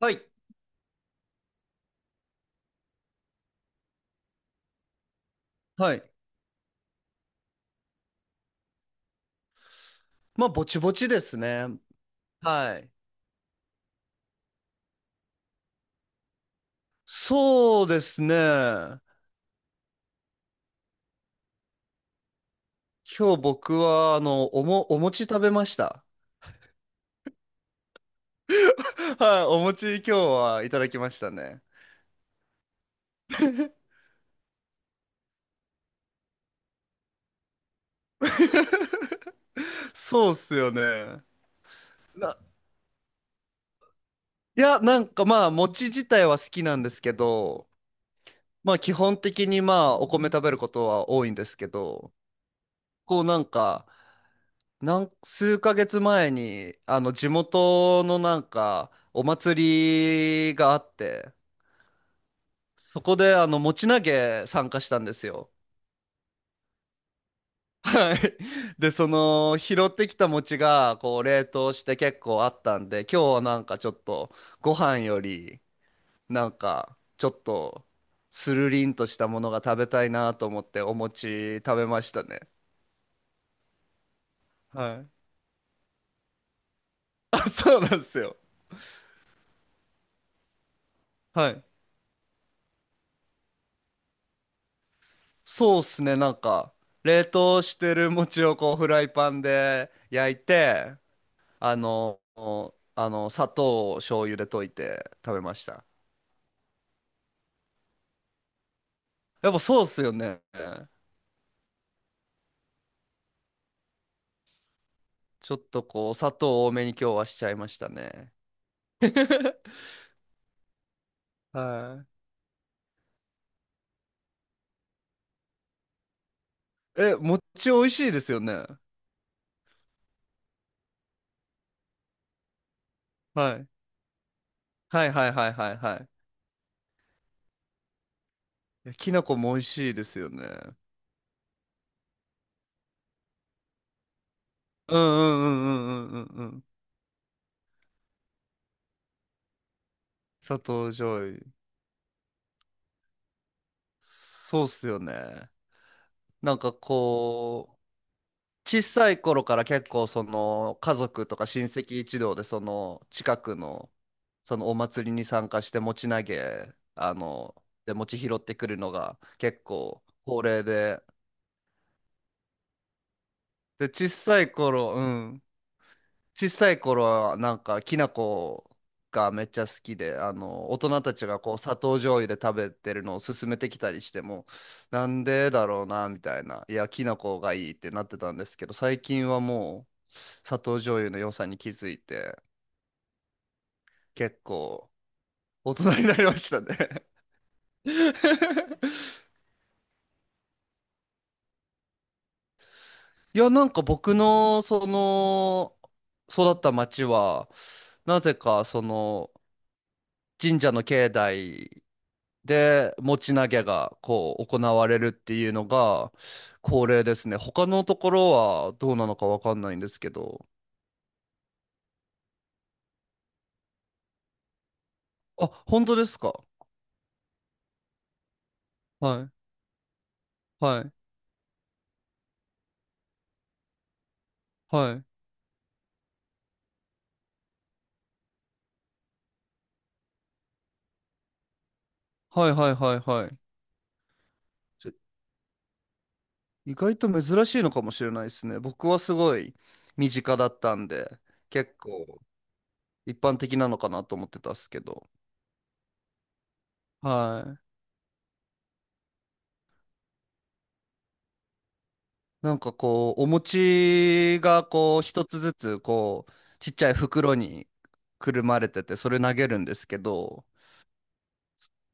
はい。はい。まあ、ぼちぼちですね。はい。そうですね。今日僕は、お餅食べました。はい。お餅今日はいただきましたね。そうっすよね。な、いや、なんかまあ、餅自体は好きなんですけど、まあ、基本的にまあ、お米食べることは多いんですけど、こうなんか、なん数ヶ月前に、あの、地元のなんか、お祭りがあって、そこであの餅投げ参加したんですよ。はい。で、その拾ってきた餅がこう冷凍して結構あったんで、今日はなんかちょっとご飯よりなんかちょっとスルリンとしたものが食べたいなと思ってお餅食べましたね。はい。あ、そうなんですよ。はい。そうっすね。なんか冷凍してる餅をこうフライパンで焼いて、あの、あの、砂糖を醤油で溶いて食べました。やっぱそうっすよね。ちょっとこう、砂糖多めに今日はしちゃいましたね。はい。え、餅美味しいですよね。はい。はいはいはいはいはい。いやきな粉も美味しいですよね。うんうんうんうんうんうんうん。砂糖醤油。そうっすよね。なんかこう、小さい頃から結構その家族とか親戚一同でその近くのそのお祭りに参加して餅投げあので餅拾ってくるのが結構恒例で、で小さい頃うん、小さい頃はなんかきな粉がめっちゃ好きで、あの大人たちがこう砂糖醤油で食べてるのを勧めてきたりしても、なんでだろうなみたいな、いやきな粉がいいってなってたんですけど、最近はもう砂糖醤油の良さに気づいて結構大人になりましたね。 いやなんか僕のその育った町はなぜかその神社の境内で、持ち投げがこう行われるっていうのが恒例ですね。他のところはどうなのかわかんないんですけど。あ、本当ですか？はい、はい、はい、はい、はい、はい、はい。ちょ意外と珍しいのかもしれないですね。僕はすごい身近だったんで、結構一般的なのかなと思ってたっすけど。はい。なんかこう、お餅がこう、一つずつこう、ちっちゃい袋にくるまれてて、それ投げるんですけど、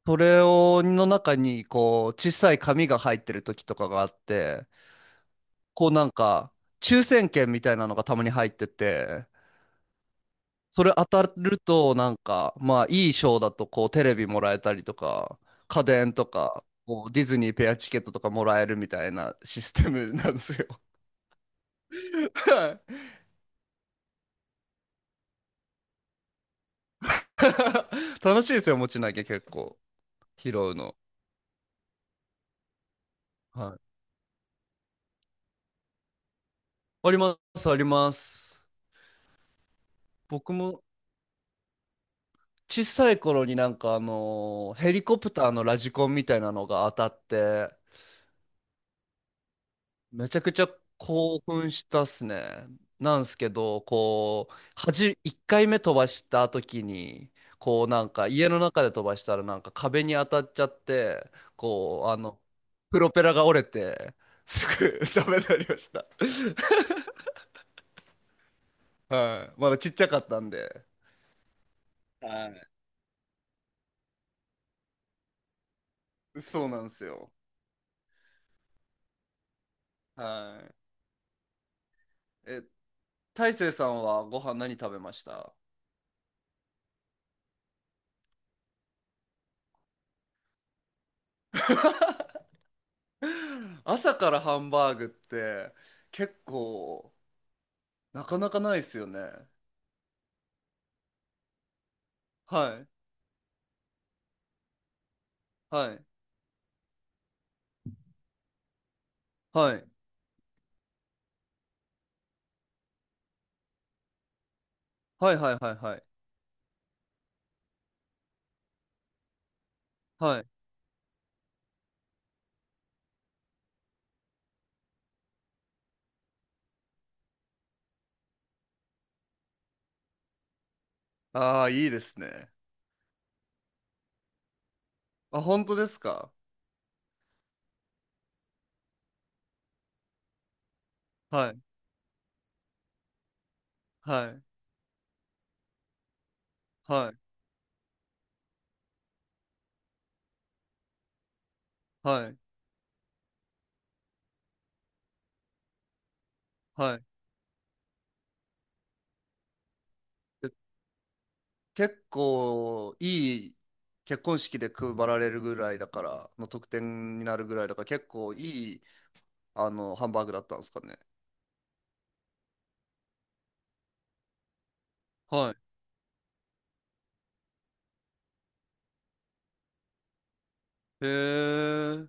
それを、の中にこう、小さい紙が入ってる時とかがあって、こうなんか、抽選券みたいなのがたまに入ってて、それ当たるとなんか、まあいい賞だとこう、テレビもらえたりとか、家電とか、こうディズニーペアチケットとかもらえるみたいなシステムなんですよ。楽しいですよ、持ち投げ結構。拾うの。はい。あります、あります。僕も小さい頃になんかあのーヘリコプターのラジコンみたいなのが当たって、めちゃくちゃ興奮したっすね。なんすけど、こう、1回目飛ばした時に、こうなんか家の中で飛ばしたらなんか壁に当たっちゃって、こう、あの、プロペラが折れて、すぐ ダメになりました。はい。まだちっちゃかったんで。はい。そうなんですよ。はい。え、大成さんはご飯何食べました？ 朝からハンバーグって結構なかなかないですよね。はい。はい。はい。はいはいはいはい。はい。ああ、いいですね。あ、本当ですか？はい。はい。はい。はい。はい。結構いい結婚式で配られるぐらいだから、の特典になるぐらいだから結構いいあのハンバーグだったんですかね。はい。へえ。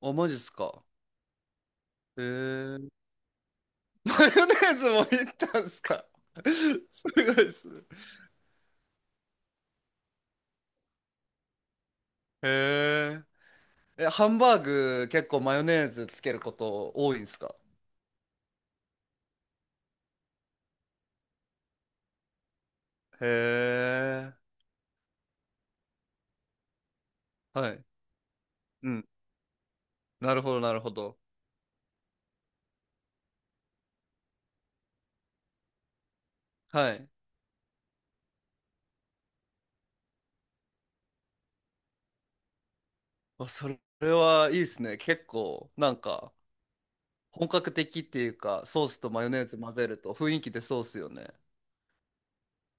あ、マジっすか。へえ。マヨネーズもいったんすか。すごいっすね。へえ。え、ハンバーグ結構マヨネーズつけること多いんすか？へえ。はい。うん。なるほど、なるほど。はい。あ、それは、いいですね。結構、なんか、本格的っていうか、ソースとマヨネーズ混ぜると雰囲気でそうっすよね。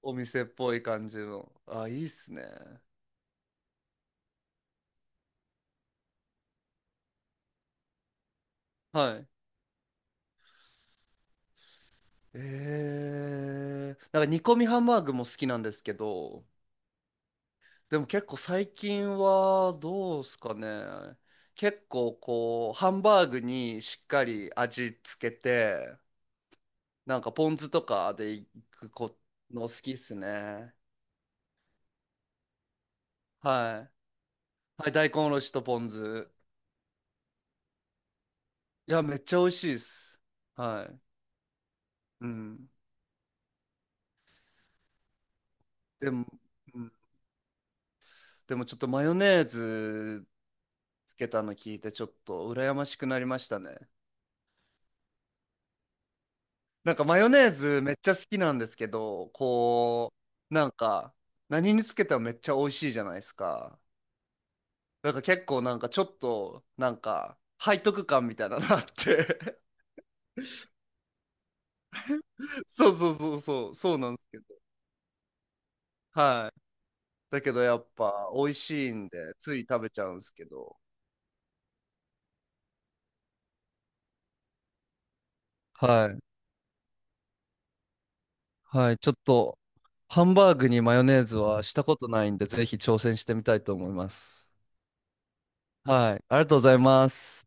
お店っぽい感じの。あ、いいっすね。はい。えー、なんか煮込みハンバーグも好きなんですけど、でも結構最近はどうですかね。結構こう、ハンバーグにしっかり味つけて、なんかポン酢とかでいくこの好きっすね。はい。はい、大根おろしとポン酢。いや、めっちゃ美味しいっす。はい。うん。でも、うん、でもちょっとマヨネーズつけたの聞いてちょっと羨ましくなりましたね。なんかマヨネーズめっちゃ好きなんですけど、こう、なんか何につけてもめっちゃ美味しいじゃないですか。なんか結構なんかちょっとなんか背徳感みたいなのあって。 そうそうそうそう、そうなんですけど。はい。だけどやっぱ美味しいんでつい食べちゃうんですけど。はいはい、ちょっと、ハンバーグにマヨネーズはしたことないんで、ぜひ挑戦してみたいと思います。はい、ありがとうございます。